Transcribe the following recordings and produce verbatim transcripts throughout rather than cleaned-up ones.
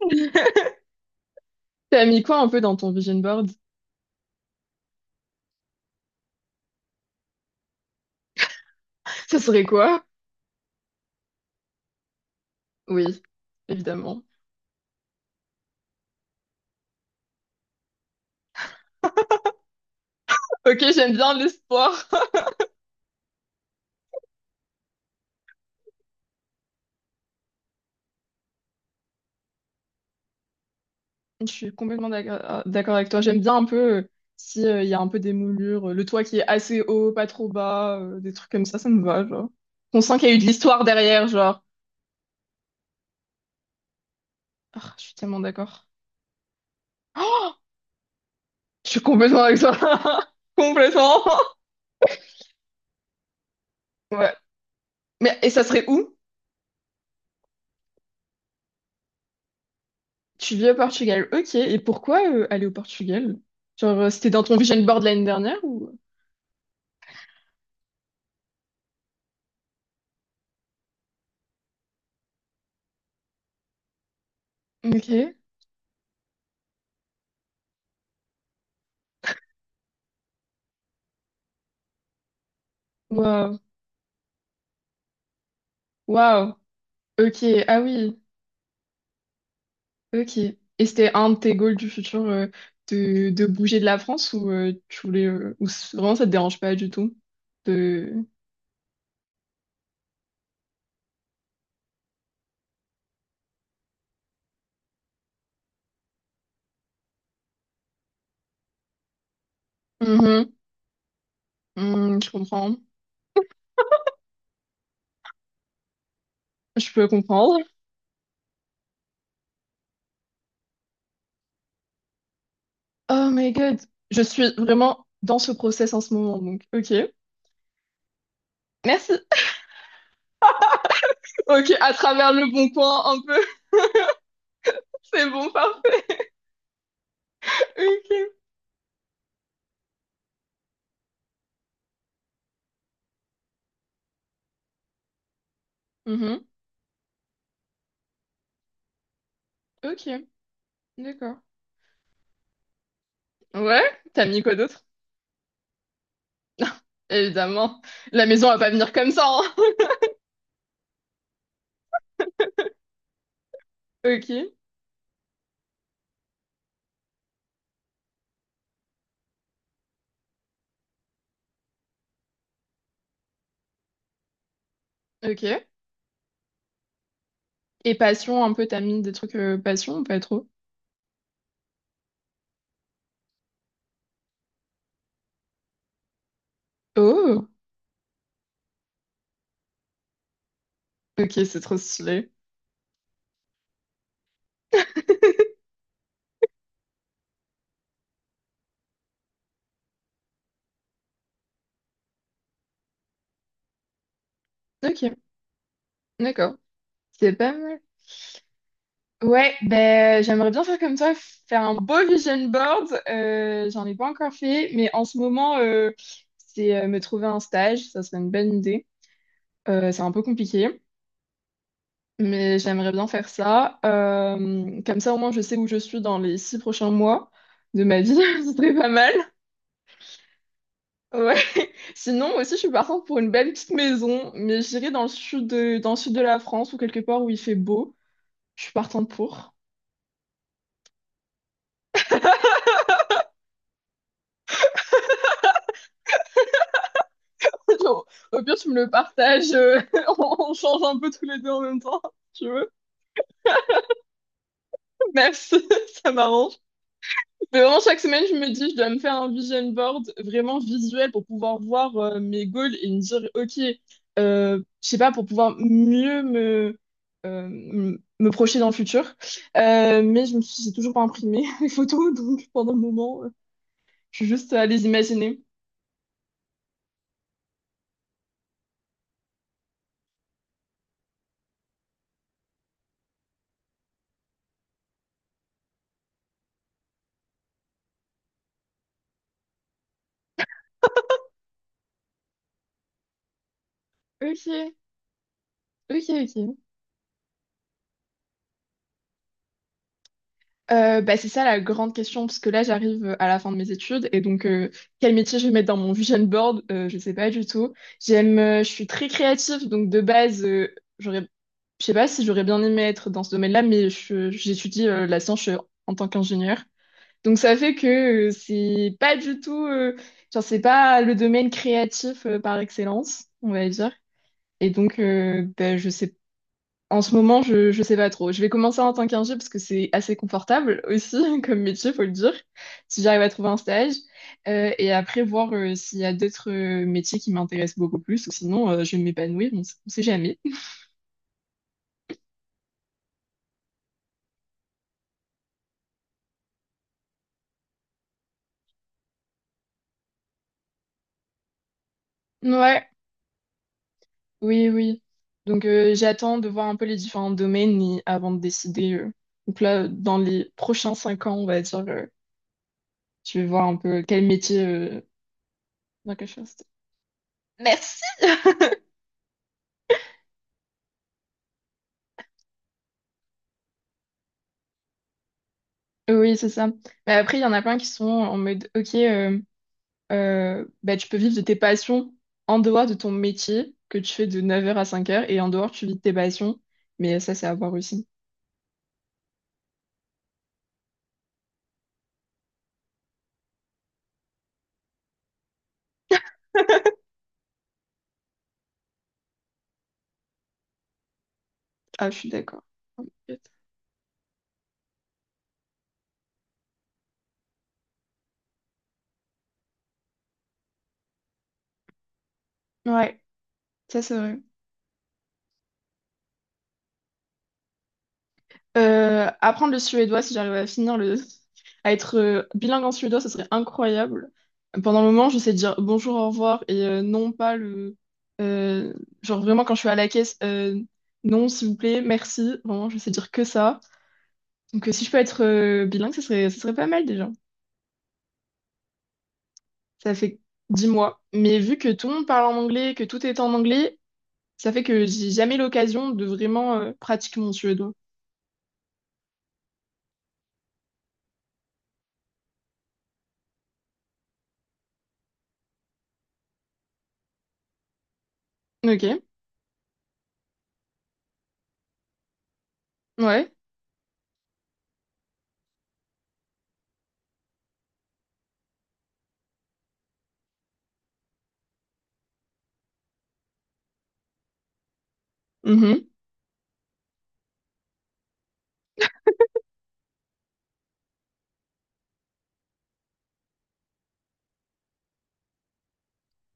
T'as mis quoi un peu dans ton vision board? Ça serait quoi? Oui, évidemment. Ok, j'aime bien l'espoir. Je suis complètement d'ac- d'accord avec toi. J'aime bien un peu euh, si euh, il y a un peu des moulures, euh, le toit qui est assez haut, pas trop bas, euh, des trucs comme ça, ça me va, genre. On sent qu'il y a eu de l'histoire derrière, genre. Ah, je suis tellement d'accord. Oh, je suis complètement avec toi. Complètement. Ouais. Mais, et ça serait où? Tu vis au Portugal, ok. Et pourquoi euh, aller au Portugal? Genre, euh, c'était dans ton vision board l'année dernière ou. Ok, waouh, waouh, ok, ah oui, ok. Et c'était un de tes goals du futur, euh, de, de bouger de la France ou euh, tu voulais, euh, ou c- vraiment ça te dérange pas du tout de. Mhm, mhm, je comprends, je peux comprendre. Oh my god, je suis vraiment dans ce process en ce moment, donc ok. Merci. Ok, à travers le bon coin un peu, c'est bon, parfait, ok. Mhm. Ok, d'accord. Ouais, t'as mis quoi d'autre? Évidemment, la maison va pas venir comme ça, hein. Ok, ok. Et passion, un peu, t'as mis des trucs euh, passion ou pas trop? Oh, ok, c'est trop stylé. Ok, d'accord. C'est pas mal. Ouais, ben j'aimerais bien faire comme toi, faire un beau vision board. Euh, j'en ai pas encore fait, mais en ce moment, euh, c'est euh, me trouver un stage, ça serait une bonne idée. Euh, c'est un peu compliqué. Mais j'aimerais bien faire ça. Euh, comme ça, au moins, je sais où je suis dans les six prochains mois de ma vie. Ce serait pas mal. Ouais. Sinon, aussi, je suis partante pour une belle petite maison, mais j'irai dans le sud de, dans le sud de la France ou quelque part où il fait beau. Je suis partante pour. Genre, au pire, tu me le partages. euh, on on change un peu tous les deux en même temps, si tu veux. Merci, ça m'arrange. Mais vraiment, chaque semaine, je me dis, je dois me faire un vision board vraiment visuel pour pouvoir voir euh, mes goals et me dire, OK, euh, je sais pas, pour pouvoir mieux me, euh, m- me projeter dans le futur. Euh, mais je me suis, j'ai toujours pas imprimé les photos, donc pendant le moment, euh, je suis juste à les imaginer. OK, OK, OK. Euh, bah, c'est ça la grande question, parce que là j'arrive euh, à la fin de mes études et donc euh, quel métier je vais mettre dans mon vision board, euh, je sais pas du tout. J'aime, euh, je suis très créative, donc de base, euh, j'aurais, je sais pas si j'aurais bien aimé être dans ce domaine-là, mais je- j'étudie euh, la science euh, en tant qu'ingénieur. Donc ça fait que euh, c'est pas du tout, euh, genre c'est pas le domaine créatif euh, par excellence, on va dire. Et donc euh, bah, je sais en ce moment, je, je sais pas trop. Je vais commencer en tant qu'ingé parce que c'est assez confortable aussi comme métier, faut le dire, si j'arrive à trouver un stage. Euh, et après, voir euh, s'il y a d'autres euh, métiers qui m'intéressent beaucoup plus ou sinon euh, je vais m'épanouir, on, s- on sait jamais. Ouais, oui, oui. Donc euh, j'attends de voir un peu les différents domaines et- avant de décider. euh. Donc là, dans les prochains cinq ans, on va dire, euh, je vais voir un peu quel métier euh, dans quel chose. Merci. Oui, c'est ça. Mais après, il y en a plein qui sont en mode, ok. euh, bah, tu peux vivre de tes passions en dehors de ton métier que tu fais de neuf heures à cinq heures et en dehors tu vis de tes passions. Mais ça, c'est à voir aussi. Ah, je suis d'accord. Ouais, ça c'est vrai. Euh, apprendre le suédois, si j'arrive à finir le, à être euh, bilingue en suédois, ce serait incroyable. Pendant le moment, je sais dire bonjour, au revoir et euh, non pas le, euh, genre vraiment quand je suis à la caisse, euh, non, s'il vous plaît, merci. Vraiment, je sais dire que ça. Donc euh, si je peux être euh, bilingue, ce serait, ce serait pas mal déjà. Ça fait dix mois. Mais vu que tout le monde parle en anglais, que tout est en anglais, ça fait que j'ai jamais l'occasion de vraiment euh, pratiquer mon suédois. Ok. Ouais. Mhm.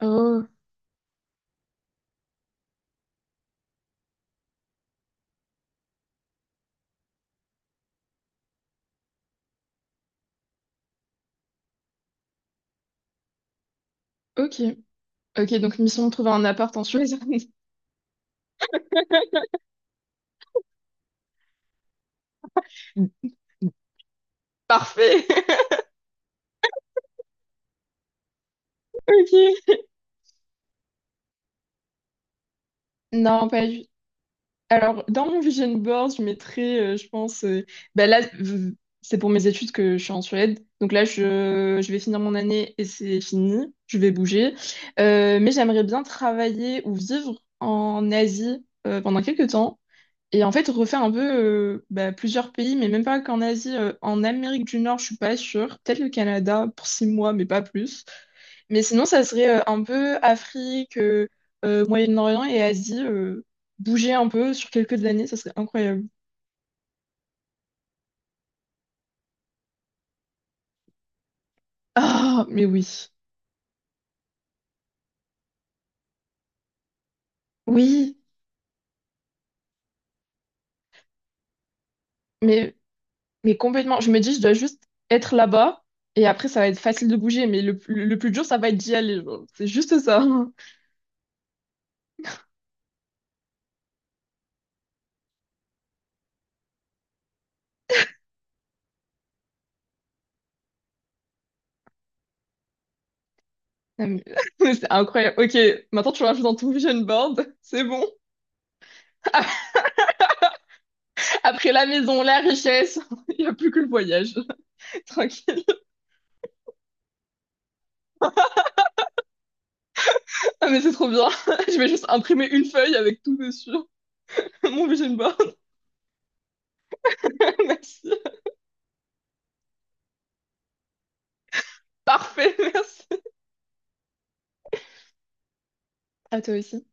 Oh, ok. Ok, donc mission de trouver un appart en Suède. Parfait. Ok. Non, pas du Alors, dans mon vision board, je mettrais, euh, je pense, euh, bah là, v- c'est pour mes études que je suis en Suède. Donc là, je, je vais finir mon année et c'est fini. Je vais bouger. Euh, mais j'aimerais bien travailler ou vivre en Asie euh, pendant quelques temps. Et en fait, refait un peu euh, bah, plusieurs pays, mais même pas qu'en Asie, euh, en Amérique du Nord, je suis pas sûre. Peut-être le Canada pour six mois, mais pas plus. Mais sinon, ça serait euh, un peu Afrique, euh, euh, Moyen-Orient et Asie, euh, bouger un peu sur quelques années, ça serait incroyable. Ah, mais oui. Oui, mais, mais complètement. Je me dis, je dois juste être là-bas et après, ça va être facile de bouger, mais le, le plus dur, ça va être d'y aller, genre. C'est juste ça. Non, mais- C'est incroyable. Ok, maintenant tu rajoutes dans ton vision board, c'est bon. Après la maison, la richesse, il n'y a plus que le voyage. Tranquille. Ah, mais c'est trop bien. Je vais juste imprimer une feuille avec tout dessus. Mon vision board. Merci. Parfait, merci. À toi aussi.